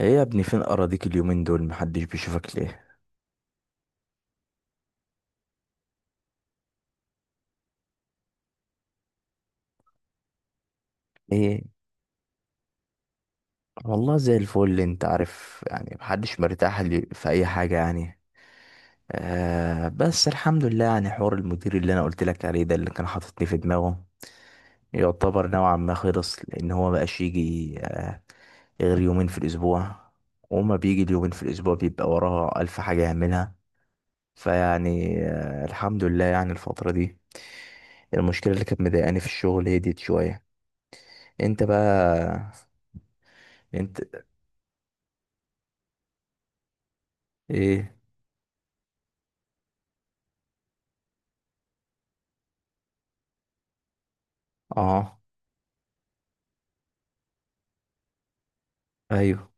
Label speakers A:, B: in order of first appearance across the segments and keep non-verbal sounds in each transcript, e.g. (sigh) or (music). A: ايه يا ابني؟ فين اراضيك؟ اليومين دول محدش بيشوفك ليه؟ ايه؟ والله زي الفل، اللي انت عارف يعني محدش مرتاح لي في اي حاجة يعني. آه بس الحمد لله، يعني حوار المدير اللي انا قلت لك عليه ده، اللي كان حاططني في دماغه، يعتبر نوعا ما خلص، لان هو مبقاش يجي غير يومين في الاسبوع، وما بيجي اليومين في الاسبوع بيبقى وراه الف حاجة يعملها. فيعني آه الحمد لله يعني الفترة دي المشكلة اللي كانت مضايقاني في الشغل هديت شوية. انت بقى؟ انت ايه؟ اه. ايوه.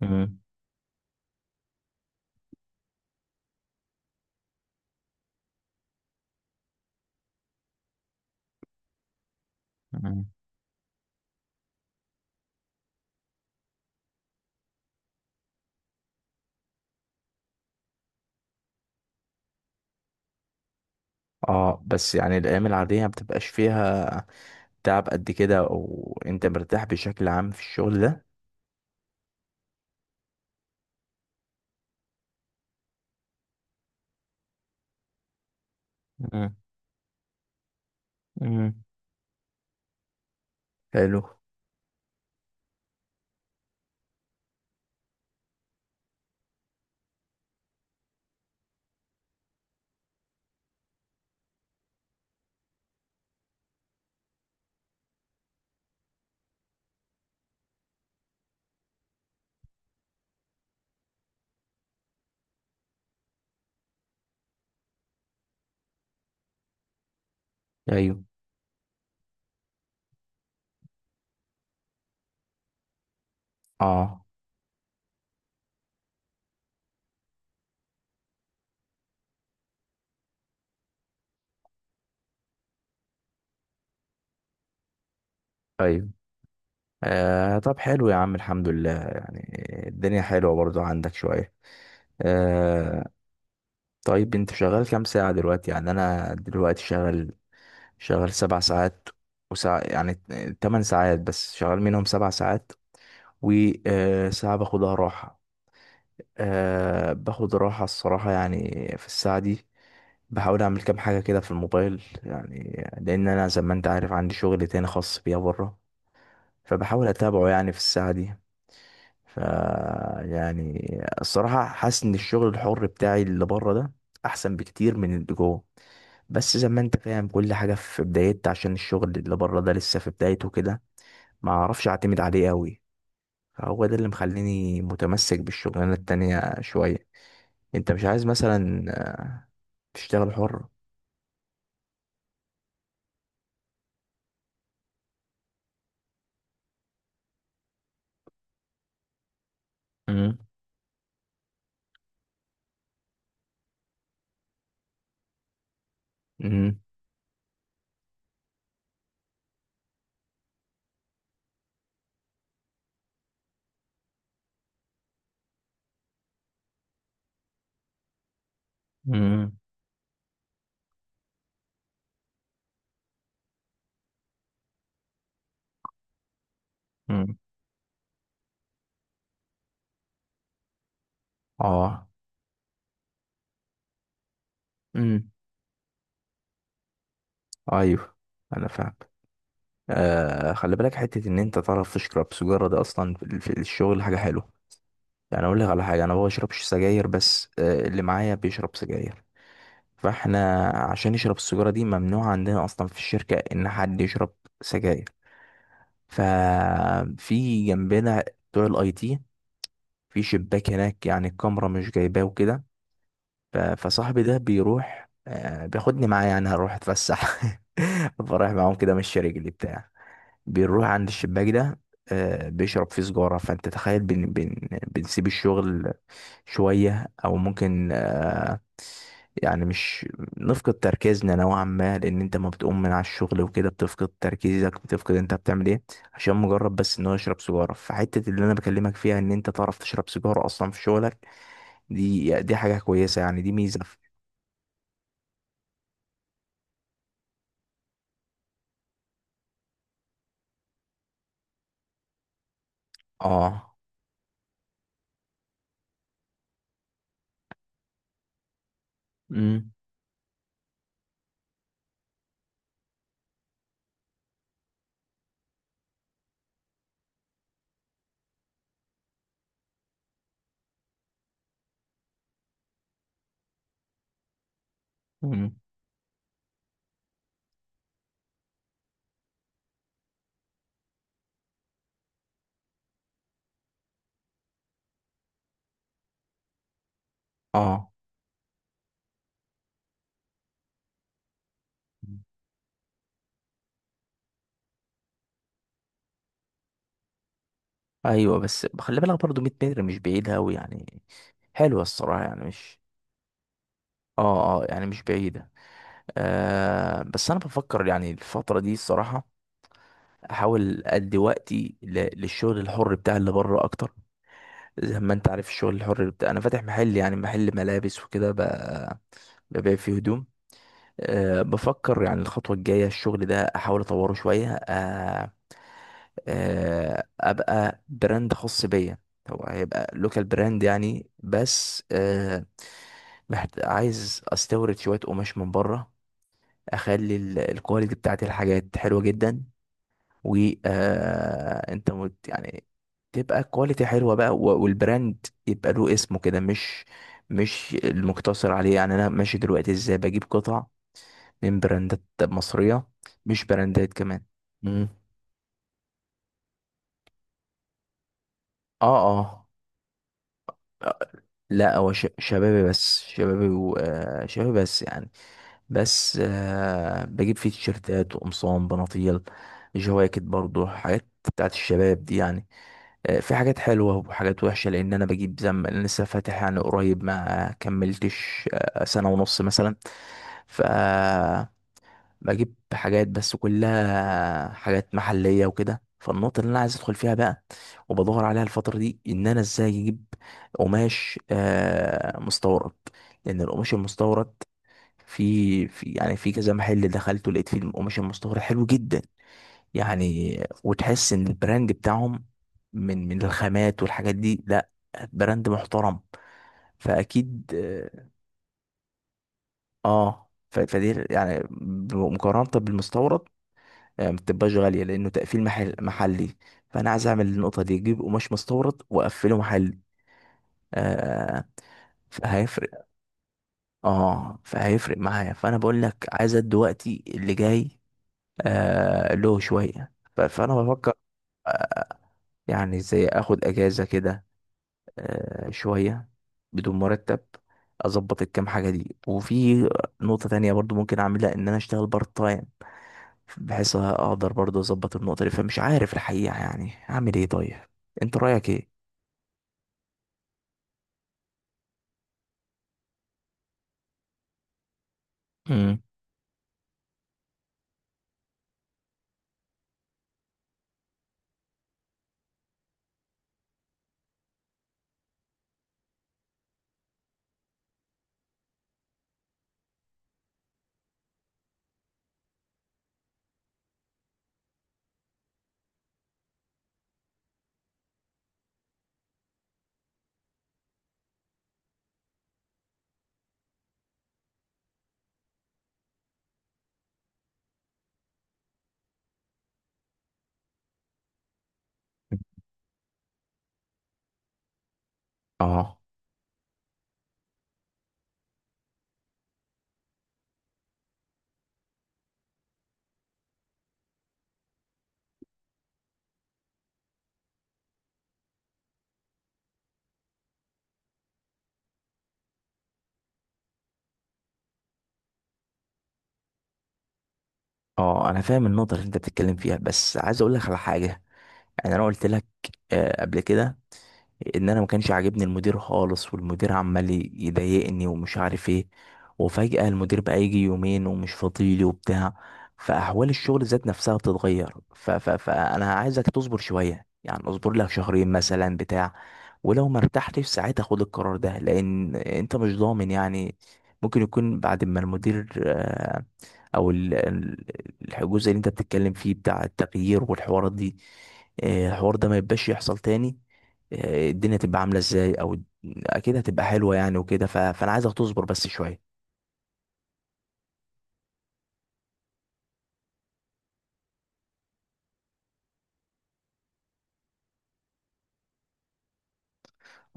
A: مم. مم. اه بس يعني الايام العاديه ما بتبقاش فيها تعب قد كده، او انت مرتاح بشكل عام في الشغل ده؟ مم. مم. حلو. ايوه. اه. ايوه. آه طب حلو يا عم، الحمد لله، يعني الدنيا حلوه برضو عندك شويه. آه. طيب انت شغال كام ساعه دلوقتي؟ يعني انا دلوقتي شغال، شغال 7 ساعات وساعة، يعني 8 ساعات بس شغال منهم 7 ساعات وساعة باخدها راحة. باخد راحة الصراحة يعني في الساعة دي. بحاول أعمل كام حاجة كده في الموبايل، يعني لأن أنا زي ما أنت عارف عندي شغل تاني خاص بيا بره، فبحاول أتابعه يعني في الساعة دي. ف يعني الصراحة حاسس إن الشغل الحر بتاعي اللي بره ده أحسن بكتير من اللي جوه. بس زي ما انت فاهم، كل حاجة في بدايتها، عشان الشغل اللي بره ده لسه في بدايته كده، ما اعرفش اعتمد عليه قوي. هو ده اللي مخليني متمسك بالشغلانة التانية شوية. انت مش عايز مثلا تشتغل حر؟ امم. امم. امم. امم. اه. امم. ايوه انا فاهم. آه خلي بالك حتة ان انت تعرف تشرب سجارة ده اصلا في الشغل حاجة حلوة. يعني اقول لك على حاجة، انا ما بشربش سجاير، بس آه اللي معايا بيشرب سجاير. فاحنا عشان يشرب السجارة دي، ممنوع عندنا اصلا في الشركة ان حد يشرب سجاير. ففي جنبنا بتوع الاي تي في شباك هناك، يعني الكاميرا مش جايباه وكده. فصاحبي ده بيروح، بياخدني معاه، يعني هروح اتفسح. (laughs) بروح معاهم كده مش رجلي بتاع، بنروح عند الشباك ده، بيشرب فيه سجارة. فانت تخيل، بن بن بنسيب الشغل شوية، او ممكن يعني مش نفقد تركيزنا نوعا ما، لان انت ما بتقوم من على الشغل وكده بتفقد تركيزك، بتفقد انت بتعمل ايه، عشان مجرد بس ان هو يشرب سيجاره. فحته اللي انا بكلمك فيها ان انت تعرف تشرب سيجاره اصلا في شغلك دي حاجة كويسة يعني، دي ميزة في-. اه. امم. امم. اه ايوه، بس خلي بالك برضو 100 متر مش بعيدة أوي يعني، حلوة الصراحة، يعني مش. اه. اه يعني مش بعيدة. آه بس انا بفكر يعني الفترة دي الصراحة احاول ادي وقتي للشغل الحر بتاع اللي بره اكتر. زي ما انت عارف، الشغل الحر بتاع انا فاتح محل، يعني محل ملابس وكده، ببيع فيه هدوم. أه بفكر يعني الخطوة الجاية الشغل ده أحاول أطوره شوية أه، ابقى براند خاص بيا. هو هيبقى لوكال براند يعني، بس عايز استورد شويه قماش من بره، اخلي الكواليتي بتاعت الحاجات حلوه جدا. و انت يعني تبقى كواليتي حلوه بقى والبراند يبقى له اسمه كده، مش المقتصر عليه، يعني انا ماشي دلوقتي ازاي؟ بجيب قطع من براندات مصريه، مش براندات كمان. مم. اه. اه. لا هو شبابي بس، شبابي و... شبابي بس يعني. بس بجيب فيه تيشيرتات وقمصان بناطيل جواكت، برضو حاجات بتاعت الشباب دي يعني. في حاجات حلوة وحاجات وحشة، لأن أنا بجيب زم، أنا لسه فاتح يعني قريب، ما كملتش سنة ونص مثلا. ف بجيب حاجات، بس كلها حاجات محلية وكده. فالنقطة اللي أنا عايز أدخل فيها بقى، وبدور عليها الفترة دي، إن أنا إزاي أجيب قماش آه مستورد، لأن القماش المستورد في يعني في كذا محل دخلته لقيت فيه القماش المستورد حلو جدا يعني. وتحس إن البراند بتاعهم من الخامات والحاجات دي، لا براند محترم، فأكيد آه. فدي يعني مقارنة بالمستورد، ما بتبقاش غالية، لأنه تقفيل محل محلي. فأنا عايز أعمل النقطة دي، أجيب قماش مستورد وأقفله محلي. آه. فهيفرق. اه فهيفرق معايا. فأنا بقول لك عايز أدي وقتي اللي جاي له شوية. فأنا بفكر يعني زي أخد أجازة كده آه شوية بدون مرتب، أظبط الكام حاجة دي. وفي نقطة تانية برضو ممكن أعملها، إن أنا أشتغل بارت تايم، بحيث اقدر برضه اظبط النقطه دي. فمش عارف الحقيقه يعني اعمل ايه. طيب انت رايك ايه؟ امم. اه. اه انا فاهم النقطه اللي انت بتتكلم فيها، بس عايز اقول لك على حاجه. يعني انا قلت لك قبل كده ان انا ما كانش عاجبني المدير خالص، والمدير عمال يضايقني ومش عارف ايه. وفجأة المدير بقى يجي يومين ومش فاضيلي وبتاع. فاحوال الشغل ذات نفسها بتتغير. ف ف فانا عايزك تصبر شوية، يعني اصبر لك شهرين مثلا بتاع. ولو ما ارتحتش ساعتها خد القرار ده، لان انت مش ضامن يعني، ممكن يكون بعد ما المدير او ال- ال- الجزء اللي انت بتتكلم فيه بتاع التغيير والحوارات دي، الحوار ده ما يبقاش يحصل تاني، الدنيا تبقى عاملة ازاي، اكيد هتبقى حلوة يعني وكده. فانا عايزك تصبر بس شوية.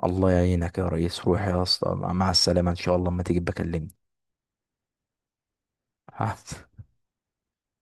A: الله يعينك يا ريس، روح يا اسطى مع السلامة، ان شاء الله اما تيجي بكلمني. (laughs)